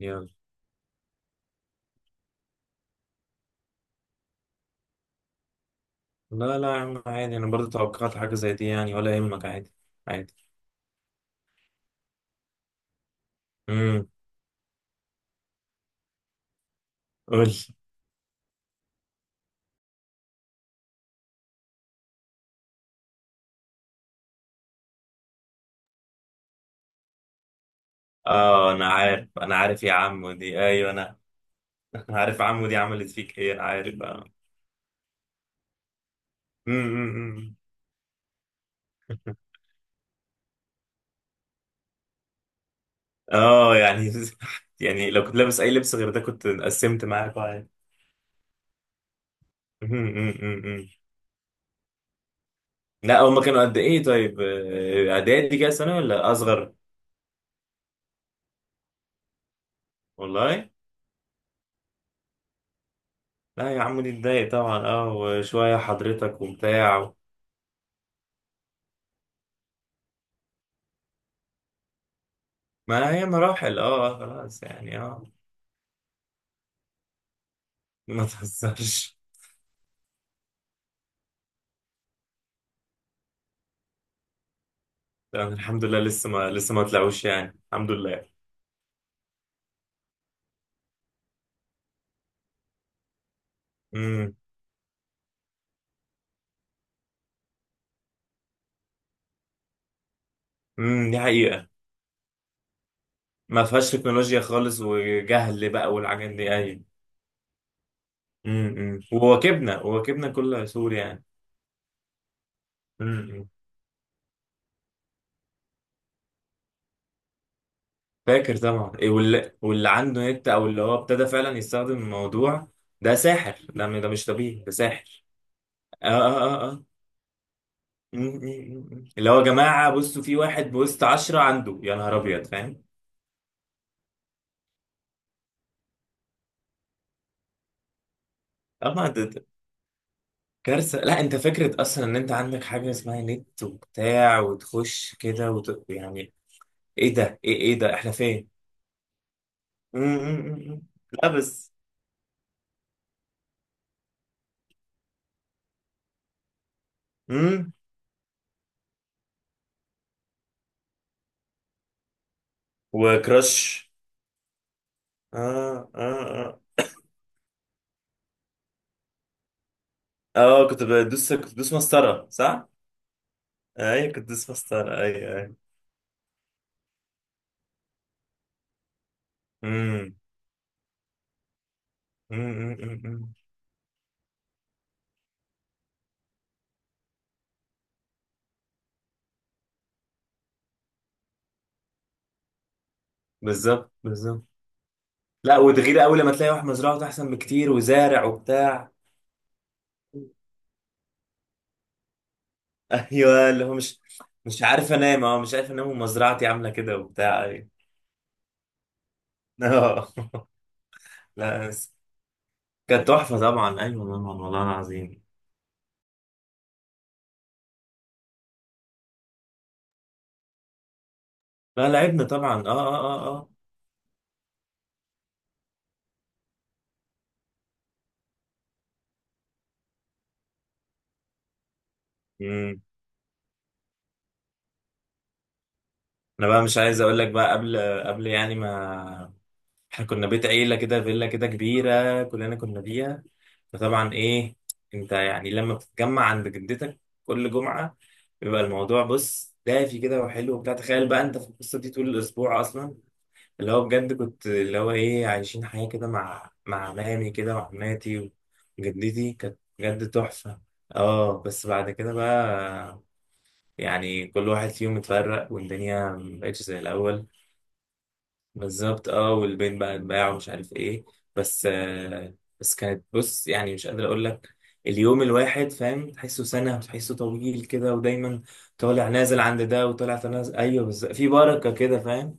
يلا. لا لا يا عم، عادي. انا برضه توقعت حاجه زي دي يعني، ولا يهمك. عادي عادي. امم. قول. اه، انا عارف انا عارف يا عمو دي، ايوه انا أنا عارف عمو دي عملت فيك ايه، انا عارف اه. امم. اه يعني يعني لو كنت لابس اي لبس غير ده كنت قسمت معاك عادي. أمم، أمم، أمم، أمم. لا هما كانوا قد ايه طيب؟ اعدادي كده سنه ولا اصغر؟ والله. لا يا عمو دي اتضايق طبعا، اه وشويه حضرتك وبتاع. ما هي مراحل، اه خلاص يعني اه. ما تهزرش. لا، الحمد لله لسه ما طلعوش يعني، الحمد لله. امم، امم. دي حقيقة. ما فيهاش تكنولوجيا خالص، وجهل بقى والحاجات دي اي. امم. وواكبنا كل سور يعني. امم. فاكر طبعا إيه، واللي عنده نت، او اللي هو ابتدى فعلا يستخدم الموضوع ده ساحر، ده مش طبيعي، ده ساحر. اه، اه، اه، اه. أمم، أمم، أمم. اللي هو يا جماعة بصوا، في واحد بوسط عشرة عنده، يا نهار ابيض فاهم. اه كارثة. لا انت فكرة اصلا ان انت عندك حاجة اسمها نت وبتاع، وتخش كده يعني. ايه ده؟ ايه ده احنا فين؟ مم، مم، مم، مم. لا بس. مم. وكراش. اه، اه، اه، اه. كنت بدوس مسطرة صح؟ ايوه كنت بدوس مسطرة، ايوه ايوه. مم، مم، مم، مم، مم. بالظبط بالظبط. لا وتغير اول لما تلاقي واحد مزرعته احسن بكتير وزارع وبتاع. ايوه، اللي هو مش. مش عارف انام، اه مش عارف انام ومزرعتي عامله كده وبتاع أيوة. اه لا بس. كانت تحفة طبعا، ايوه طبعا، والله العظيم. لا لعبنا طبعا، اه، اه، اه، اه. امم. انا بقى مش عايز اقول لك بقى قبل يعني ما احنا كنا بيت عيلة كده، فيلا كده كبيرة كلنا كنا فيها. فطبعا ايه. انت يعني لما بتتجمع عند جدتك كل جمعة، بيبقى الموضوع بص دافي كده وحلو وبتاع. تخيل بقى انت في القصة دي طول الاسبوع اصلا. اللي هو بجد كنت اللي هو ايه، عايشين حياة كده مع عمامي كده وعماتي، وجدتي كانت بجد تحفة. اه بس بعد كده بقى، يعني كل واحد فيهم اتفرق، والدنيا مبقتش زي الأول. بالظبط اه، والبيت بقى اتباع ومش عارف ايه. بس بس كانت بص يعني، مش قادر أقول لك. اليوم الواحد فاهم، تحسه سنة وتحسه طويل كده، ودايما طالع نازل عند ده وطالع نازل، أيوه بس في بركة كده فاهم.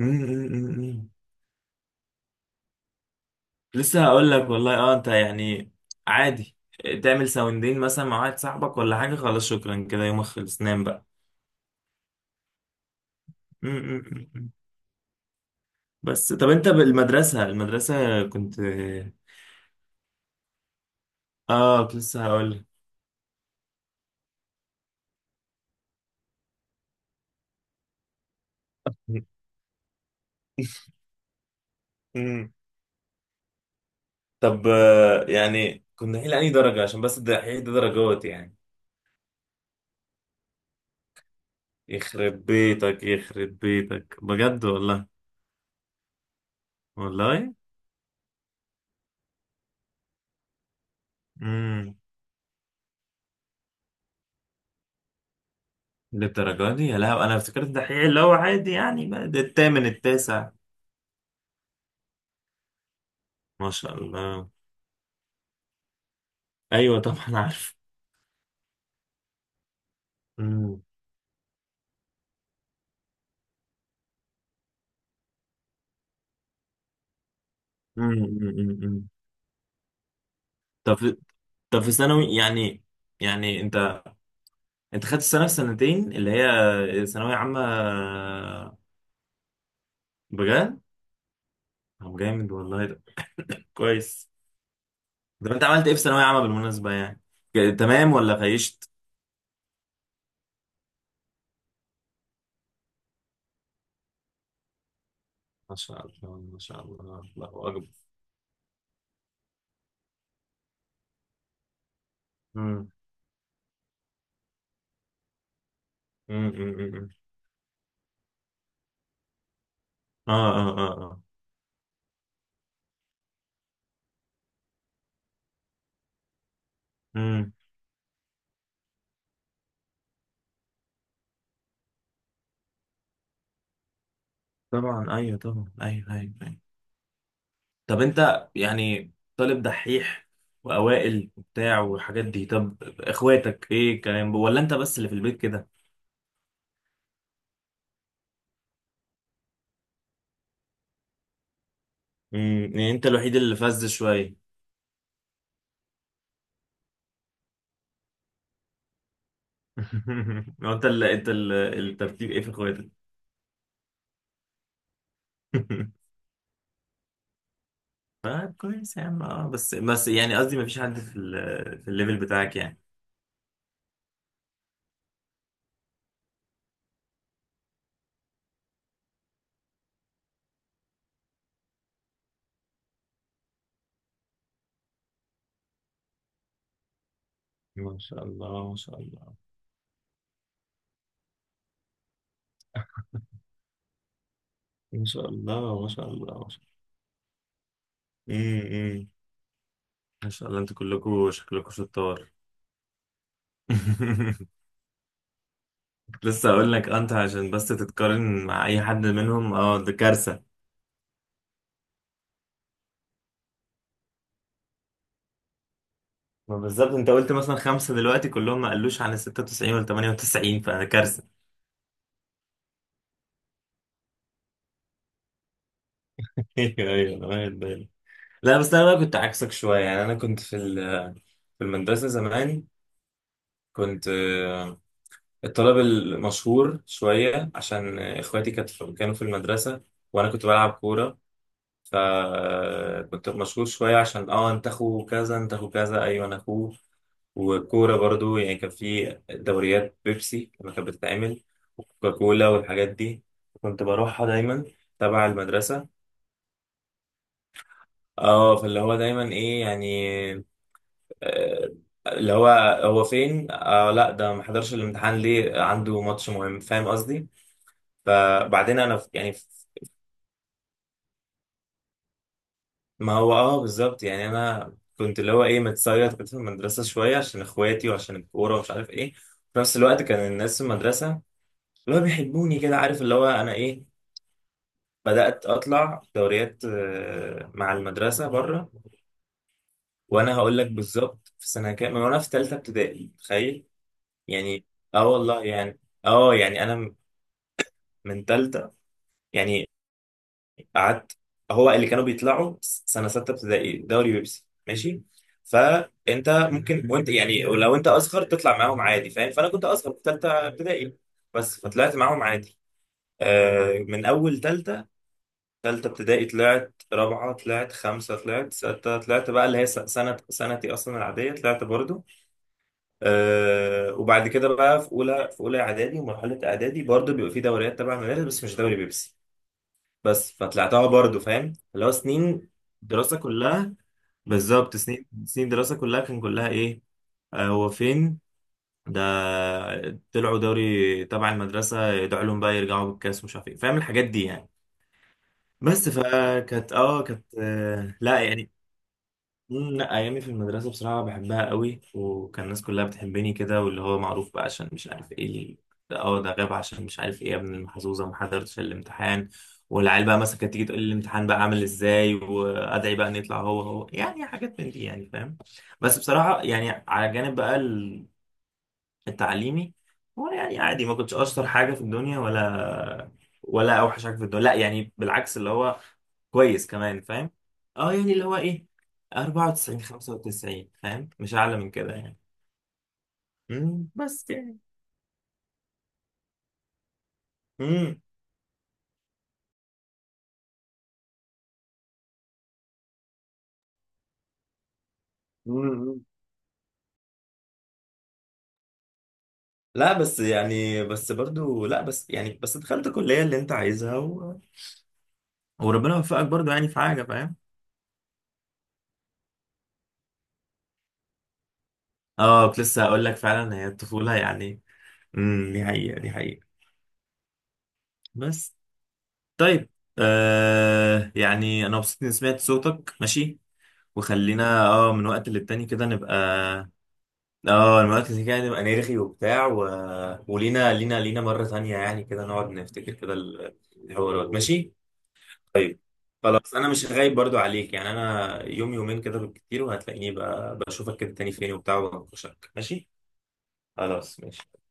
أمم، أمم، أمم. لسه هقول لك والله. اه انت يعني عادي تعمل ساوندين مثلا مع واحد صاحبك ولا حاجة، خلاص شكرا كده، يومك خلص نام بقى. م. بس طب انت بالمدرسة كنت. اه كنت لسه هقول لك. م. طب، يعني كنا دحيح لأني درجة، عشان بس الدحيح ده درجات يعني. يخرب بيتك يخرب بيتك بجد والله. والله. امم. للدرجة دي؟ يا لهوي. انا افتكرت الدحيح اللي هو عادي يعني، بقى ده الثامن التاسع. ما شاء الله. ايوه طبعا عارف. امم. مم، مم، مم، مم. طب في- طب في ثانوي يعني انت خدت السنه في سنتين اللي هي ثانويه عامه؟ بجد؟ طب جامد والله ده، كويس. طب انت عملت ايه في ثانويه عامه بالمناسبه يعني؟ تمام ولا خيشت؟ ما شاء الله ما شاء الله، الله اكبر. امم. مم، مم، مم، مم. اه، اه، اه، اه. مم. طبعا ايوه طبعا، ايوه ايوه أيوة. طب انت يعني طالب دحيح، واوائل وبتاع والحاجات دي. طب اخواتك ايه الكلام، ولا انت بس اللي في البيت كده؟ امم، يعني انت الوحيد اللي فز شويه. هو انت اللي الترتيب ايه في اخواتك؟ طيب كويس يا عم، اه بس يعني قصدي ما فيش حد في الليفل بتاعك يعني. ما شاء الله ما شاء الله ما شاء الله ما شاء الله ما شاء الله. امم. ما شاء الله، انتوا كلكم شكلكم شطار. لسه اقول لك، انت عشان بس تتقارن مع اي حد منهم، اه ده كارثه. ما بالظبط، انت قلت مثلا خمسه دلوقتي كلهم، ما قالوش عن ال 96 ولا 98، فده كارثه. ايوه ايوه، انا واخد بالي. لا بس انا بقى كنت عكسك شويه يعني، انا كنت في المدرسه زمان كنت الطالب المشهور شويه، عشان اخواتي كانوا في المدرسه، وانا كنت بلعب كوره. فكنت مشغول شوية، عشان اه انت اخو كذا انت اخو كذا، ايوه انا اخوه. والكورة برضو يعني، كان في دوريات بيبسي لما كانت بتتعمل، وكوكاكولا والحاجات دي. كنت بروحها دايما، تبع المدرسة. اه فاللي هو دايما ايه يعني، آه، اللي هو، هو فين؟ لا ده ما حضرش الامتحان، ليه؟ عنده ماتش مهم، فاهم قصدي؟ فبعدين انا يعني. ما هو اه بالظبط يعني، انا كنت اللي هو ايه، متسيط كنت في المدرسه شويه عشان اخواتي وعشان الكوره ومش عارف ايه. في نفس الوقت كان الناس في المدرسه اللي هو بيحبوني كده، عارف اللي هو انا ايه. بدات اطلع دوريات مع المدرسه بره. وانا هقول لك بالظبط في سنه كام، من وانا في ثالثه ابتدائي، تخيل. يعني اه والله يعني، اه يعني انا من ثالثه يعني قعدت. هو اللي كانوا بيطلعوا سنه سته ابتدائي دوري بيبسي، ماشي. فانت ممكن وانت يعني لو انت اصغر تطلع معاهم عادي فاهم. فانا كنت اصغر في ثالثه ابتدائي بس، فطلعت معاهم عادي. آه، من اول ثالثه ابتدائي طلعت رابعه طلعت خمسه طلعت سته طلعت بقى اللي هي سنه سنتي اصلا العاديه، طلعت برضو. آه، وبعد كده بقى في اولى اعدادي، ومرحله اعدادي برضو بيبقى في دوريات تبع المدارس، بس مش دوري بيبسي. بس فطلعتها برضه، فاهم اللي هو سنين دراسة كلها. بالظبط سنين سنين دراسة كلها، كان كلها ايه. هو فين ده؟ طلعوا دوري تبع المدرسة ده، علوم بقى يرجعوا بالكاس ومش عارف ايه، فاهم الحاجات دي يعني. بس فكانت اه كانت لا يعني. مم، لا ايامي في المدرسه بصراحه بحبها قوي، وكان الناس كلها بتحبني كده، واللي هو معروف بقى عشان مش عارف ايه ده غاب عشان مش عارف ايه، يا ابن المحظوظه ما حضرتش الامتحان. والعيال بقى مثلا كانت تيجي تقول لي الامتحان بقى عامل ازاي، وادعي بقى ان يطلع هو هو، يعني حاجات من دي يعني فاهم. بس بصراحه يعني، على جانب بقى التعليمي، هو يعني عادي، ما كنتش اشطر حاجه في الدنيا ولا اوحش حاجه في الدنيا، لا يعني بالعكس اللي هو. كويس كمان فاهم. اه يعني اللي هو ايه، 94 95 فاهم، مش اعلى من كده يعني. بس يعني. امم. مم. لا بس يعني بس برضو، لا بس يعني بس دخلت الكليه اللي انت عايزها وربنا وفقك برضو، يعني في حاجه فاهم. اه كنت لسه هقول لك، فعلا هي الطفوله يعني. امم، دي حقيقه دي حقيقه. بس. طيب، يعني انا مبسوط اني سمعت صوتك ماشي. وخلينا اه من وقت للتاني كده نبقى. اه من وقت للتاني كده نبقى نرغي وبتاع ولينا لينا لينا مرة تانية يعني كده نقعد نفتكر كده الحوارات ماشي. طيب خلاص. انا مش غايب برضو عليك يعني، انا يوم يومين كده بالكتير، وهتلاقيني بقى بشوفك كده تاني فين وبتاع، وبناقشك ماشي. خلاص ماشي.